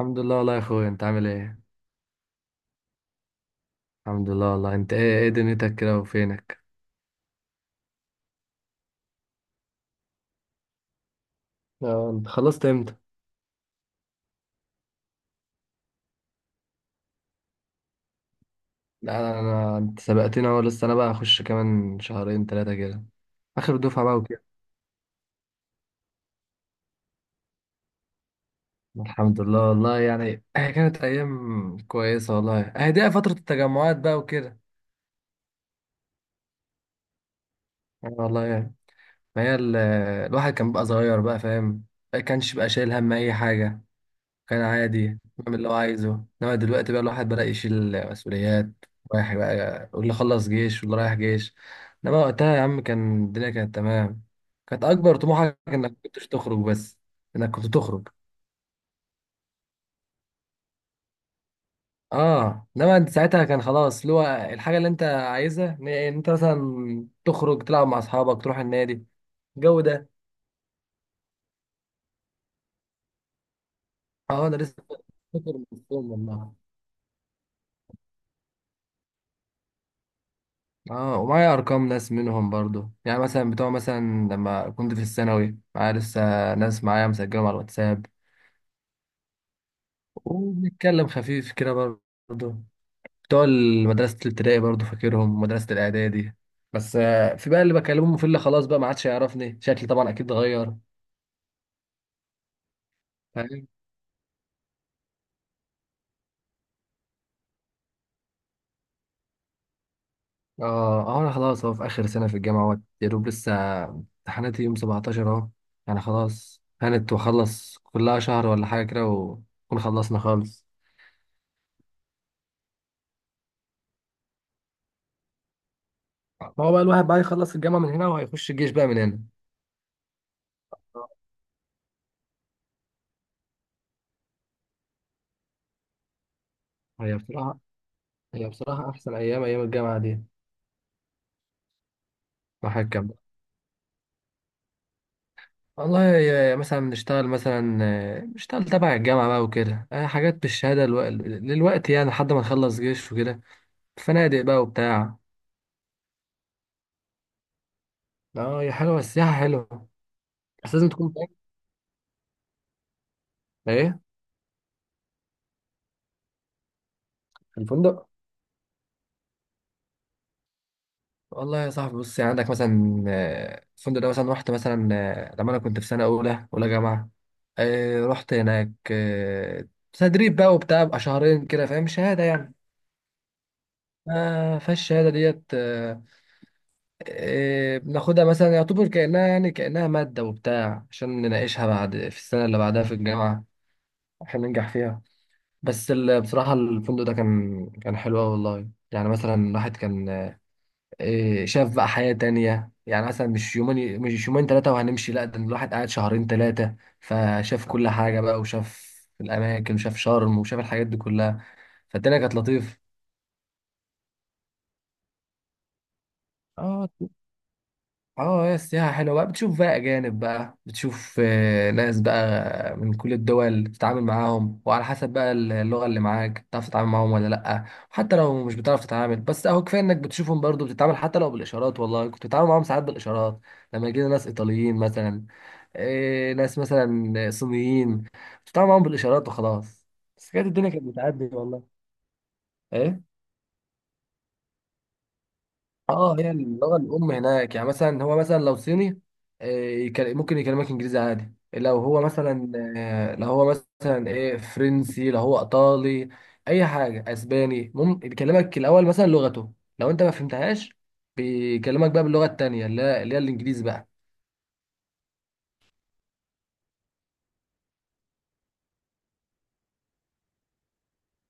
الحمد لله والله يا اخويا، انت عامل ايه؟ الحمد لله والله. انت ايه، ايه دنيتك كده وفينك؟ اه انت خلصت امتى؟ لا انا, أنا انت سبقتني اهو، لسه انا بقى اخش كمان شهرين ثلاثه كده. اخر دفعه بقى وكده. الحمد لله والله يعني. هي كانت ايام كويسه والله، هي دي فتره التجمعات بقى وكده. يعني والله يعني. ما هي ال- الواحد كان بقى صغير، بقى فاهم. ما كانش بقى شايل هم اي حاجه، كان عادي بعمل اللي هو عايزه. انما دلوقتي بقى الواحد بدأ يشيل مسؤوليات، رايح بقى، واللي خلص جيش واللي رايح جيش. انما وقتها يا عم كان الدنيا كانت تمام، كانت اكبر طموحك انك كنتش تخرج بس، انك كنت تخرج. اه انما انت ساعتها كان خلاص اللي هو الحاجه اللي انت عايزها إن انت مثلا تخرج، تلعب مع اصحابك، تروح النادي، الجو ده. اه انا لسه فاكر من اليوم والله. اه ومعايا ارقام ناس منهم برضو، يعني مثلا بتوع مثلا لما كنت في الثانوي معايا، لسه ناس معايا مسجلهم على الواتساب وبنتكلم خفيف كده برضو. بتوع مدرسة الابتدائي برضو فاكرهم، مدرسة الاعدادي. بس في بقى اللي بكلمهم في اللي خلاص بقى ما عادش يعرفني شكلي، طبعا اكيد اتغير. فاهم. اه اه انا خلاص اهو في اخر سنة في الجامعة، اهوت يا دوب لسه امتحاناتي يوم 17 اهو. يعني خلاص كانت، واخلص كلها شهر ولا حاجة كده ونكون خلصنا خالص. ما هو بقى الواحد بقى يخلص الجامعة من هنا وهيخش الجيش بقى من هنا. هي بصراحة هي بصراحة أحسن أيام، أيام الجامعة دي. الواحد كان، مثلا نشتغل، مثلا نشتغل تبع الجامعة بقى وكده، حاجات للوقت، يعني لحد ما نخلص جيش وكده. فنادق بقى وبتاع. اه هي حلوة السياحة، حلوة. بس لازم تكون فاهم. ايه. في الفندق. والله يا صاحبي بص، يعني عندك مثلا الفندق ده مثلا، رحت مثلا لما انا كنت في سنه اولى جامعه، رحت هناك تدريب بقى وبتاع بقى، شهرين كده، فاهم، شهاده يعني. فالشهاده ديت بناخدها مثلا، يعتبر كانها يعني كانها ماده وبتاع عشان نناقشها بعد في السنه اللي بعدها في الجامعه عشان ننجح فيها. بصراحه الفندق ده كان حلو أوي والله، يعني مثلا الواحد كان شاف بقى حياة تانية. يعني مثلا مش يومين، مش يومين ثلاثة وهنمشي، لا ده الواحد قاعد شهرين ثلاثة فشاف كل حاجة بقى، وشاف الأماكن وشاف شرم وشاف الحاجات دي كلها. فالدنيا كانت لطيفة. اه. اه هي السياحة حلوة بقى، بتشوف بقى أجانب بقى، بتشوف ناس بقى من كل الدول، بتتعامل معاهم وعلى حسب بقى اللغة اللي معاك بتعرف تتعامل معاهم ولا لأ. حتى لو مش بتعرف تتعامل، بس أهو كفاية إنك بتشوفهم برضو بتتعامل، حتى لو بالإشارات. والله كنت بتتعامل معاهم ساعات بالإشارات. لما يجينا ناس إيطاليين مثلا، ناس مثلا صينيين، بتتعامل معاهم بالإشارات وخلاص. بس كانت الدنيا كانت بتعدي والله. إيه. اه هي اللغه الام هناك. يعني مثلا هو مثلا لو صيني، آه، ممكن يكلمك انجليزي عادي. لو هو مثلا لو هو مثلا ايه فرنسي، لو هو ايطالي، اي حاجه، اسباني، ممكن يكلمك الاول مثلا لغته، لو انت ما فهمتهاش بيكلمك بقى باللغه التانيه اللي هي الانجليزي بقى.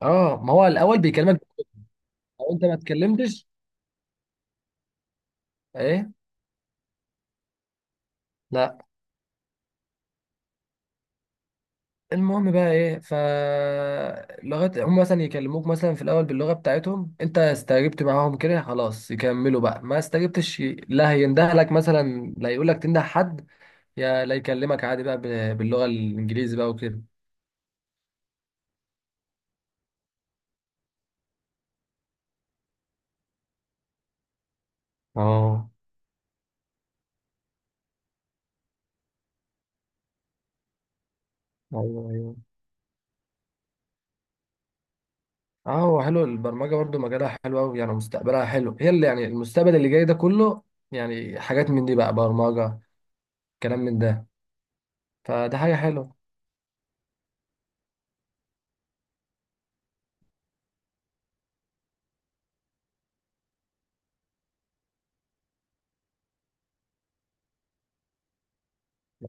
اه ما هو الاول بيكلمك. لو انت ما اتكلمتش. ايه. لا. المهم بقى ايه، ف لغايه هم مثلا يكلموك مثلا في الاول باللغه بتاعتهم، انت استجبت معاهم كده، خلاص يكملوا بقى. ما استجبتش، لا هيندهلك مثلا، لا يقول لك تنده حد، يا لا يكلمك عادي بقى، باللغه الانجليزي بقى وكده. اه. ايوه، ايوه. اه هو حلو البرمجه برضو، مجالها حلو قوي، يعني مستقبلها حلو. هي اللي يعني المستقبل اللي جاي ده كله، يعني حاجات من دي بقى، برمجه، كلام من ده. فده حاجه حلوه.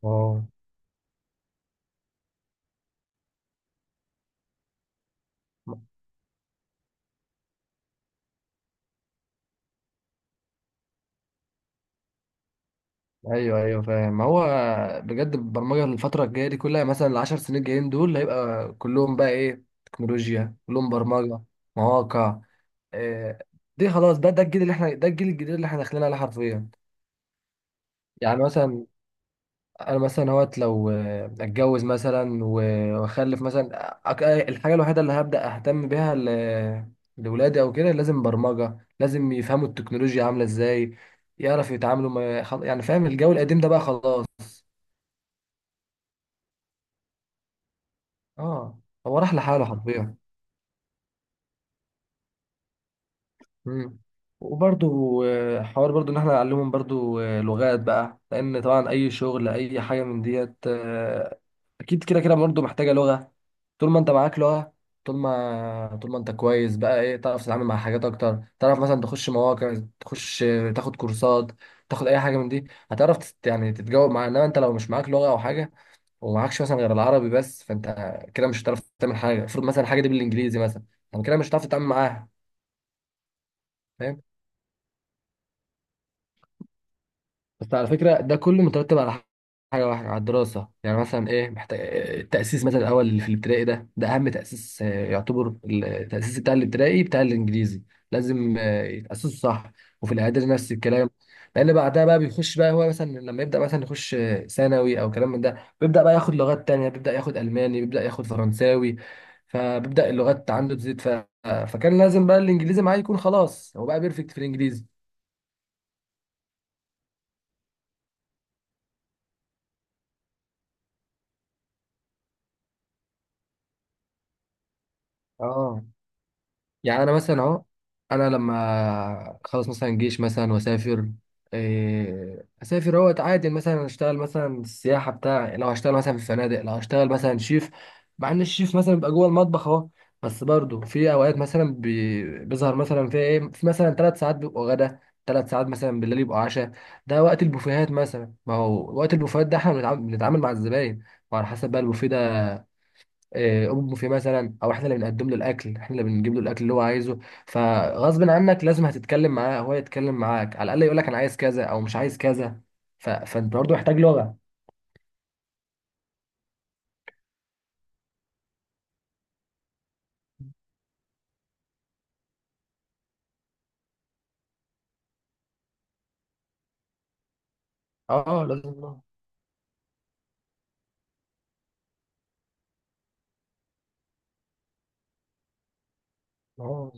اه ايوه ايوه فاهم. ما هو بجد البرمجه الفتره الجايه دي كلها، مثلا العشر سنين الجايين دول هيبقى كلهم بقى ايه، تكنولوجيا، كلهم برمجه، مواقع. إيه. دي خلاص، ده الجيل اللي احنا، ده الجيل الجديد اللي احنا داخلين عليه حرفيا. يعني مثلا انا مثلا اهوت لو اتجوز مثلا واخلف مثلا، الحاجه الوحيده اللي هبدا اهتم بيها لولادي او كده، لازم برمجه، لازم يفهموا التكنولوجيا عامله ازاي، يعرف يتعاملوا. يعني فاهم الجو القديم ده بقى خلاص. اه هو راح لحاله حرفيا. مم. وبرضو حوار برضو ان احنا نعلمهم برضو لغات بقى، لان طبعا اي شغل اي حاجه من ديت اكيد كده كده برضو محتاجه لغه. طول ما انت معاك لغه، طول ما انت كويس بقى ايه، تعرف تتعامل مع حاجات اكتر، تعرف مثلا تخش مواقع، تخش تاخد كورسات، تاخد اي حاجه من دي، يعني تتجاوب معاها. انما انت لو مش معاك لغه او حاجه، ومعكش مثلا غير العربي بس، فانت كده مش هتعرف تعمل حاجه، المفروض مثلا الحاجه دي بالانجليزي مثلا، طب كده مش هتعرف تتعامل معاها. فاهم. بس على فكرة ده كله مترتب على حاجة واحدة، على الدراسة، يعني مثلا إيه، محتاج التأسيس مثلا الأول اللي في الابتدائي ده، ده أهم تأسيس يعتبر التأسيس بتاع الابتدائي، بتاع الإنجليزي، لازم يتأسسوا صح، وفي الإعدادي نفس الكلام. لأن بعدها بقى بيخش بقى، هو مثلا لما يبدأ مثلا يخش ثانوي أو كلام من ده بيبدأ بقى ياخد لغات تانية، بيبدأ ياخد ألماني، بيبدأ ياخد فرنساوي، فبيبدأ اللغات عنده تزيد ف، فكان لازم بقى الإنجليزي معاه يكون خلاص، هو بقى بيرفكت في الإنجليزي. اه. يعني انا مثلا اهو، انا لما اخلص مثلا جيش مثلا واسافر، اسافر اهو عادي مثلا اشتغل مثلا السياحه بتاع، لو هشتغل مثلا في فنادق، لو هشتغل مثلا شيف، مع ان الشيف مثلا بيبقى جوه المطبخ اهو، بس برضه في اوقات مثلا بيظهر مثلا في ايه، في مثلا ثلاث ساعات بيبقوا غدا، ثلاث ساعات مثلا بالليل يبقوا عشاء. ده وقت البوفيهات، مثلا ما هو وقت البوفيهات ده احنا بنتعامل مع الزباين، وعلى حسب بقى البوفيه ده امه في مثلا، او احنا اللي بنقدم له الاكل، احنا اللي بنجيب له الاكل اللي هو عايزه. فغصب عنك لازم هتتكلم معاه، هو يتكلم معاك على الاقل، يقول لك انا عايز كذا او مش عايز كذا. فانت برضه محتاج لغه. اه. لازم لغه. اه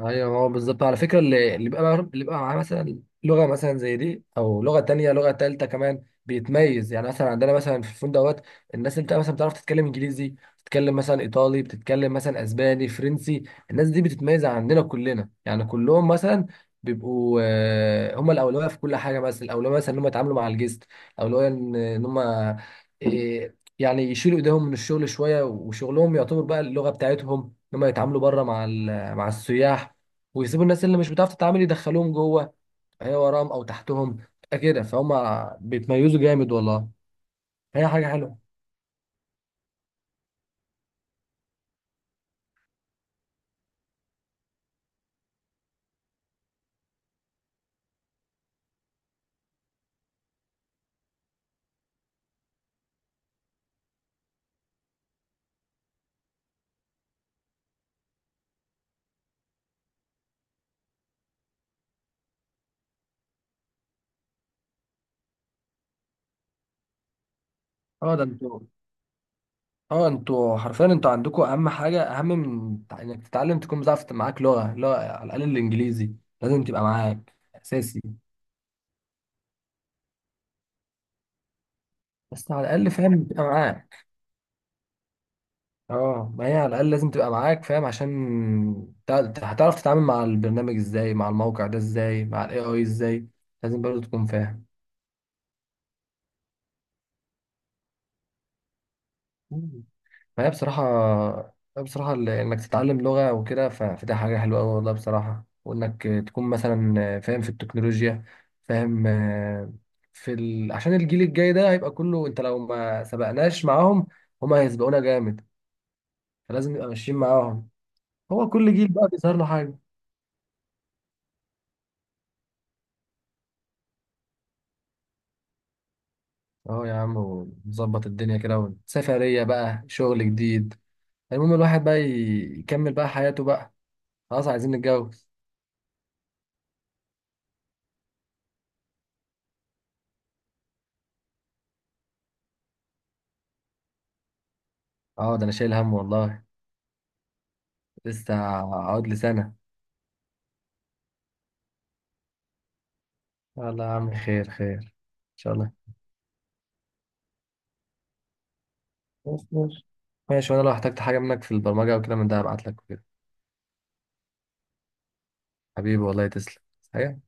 ايوه، هو بالظبط على فكره. اللي بيبقى معاه مثلا لغه مثلا زي دي، او لغه تانية لغه تالتة كمان، بيتميز. يعني مثلا عندنا مثلا في الفندق دوت، الناس اللي بتبقى مثلا بتعرف تتكلم انجليزي، بتتكلم مثلا ايطالي، بتتكلم مثلا اسباني، فرنسي، الناس دي بتتميز عندنا كلنا. يعني كلهم مثلا بيبقوا هم الاولويه في كل حاجه، مثلا الاولويه مثلا ان هم يتعاملوا مع الجست، الاولويه ان هم يعني يشيلوا ايديهم من الشغل شويه، وشغلهم يعتبر بقى اللغه بتاعتهم، ان هم يتعاملوا بره مع مع السياح، ويسيبوا الناس اللي مش بتعرف تتعامل يدخلوهم جوه، هي وراهم او تحتهم، تبقى كده فهم. بيتميزوا جامد والله، هي حاجه حلوه. اه ده انتوا، اه انتوا حرفيا انتوا عندكم اهم حاجه، اهم من انك تتعلم تكون بتعرف معاك لغه، لغه على الاقل الانجليزي، لازم تبقى معاك اساسي. بس على الاقل فاهم تبقى معاك. اه ما هي على الاقل لازم تبقى معاك فاهم، عشان هتعرف تتعامل مع البرنامج ازاي، مع الموقع ده ازاي، مع الاي اي ازاي، لازم برضه تكون فاهم. فهي بصراحة، بصراحة إنك تتعلم لغة وكده، فده حاجة حلوة أوي والله بصراحة، وإنك تكون مثلا فاهم في التكنولوجيا، فاهم عشان الجيل الجاي ده هيبقى كله، أنت لو ما سبقناش معاهم، هما هيسبقونا جامد، فلازم نبقى ماشيين معاهم. هو كل جيل بقى بيظهر له حاجة. أهو يا عم، ونظبط الدنيا كده، سفرية بقى، شغل جديد، المهم الواحد بقى يكمل بقى حياته بقى، خلاص عايزين نتجوز. اه ده أنا شايل هم والله، لسه هقعد لي سنة. والله يا عم خير، خير ان شاء الله. خلاص ماشي. ماشي، وانا لو احتجت حاجه منك في البرمجه او كده من ده هبعت لك وكده. حبيبي والله، تسلم. حاجه.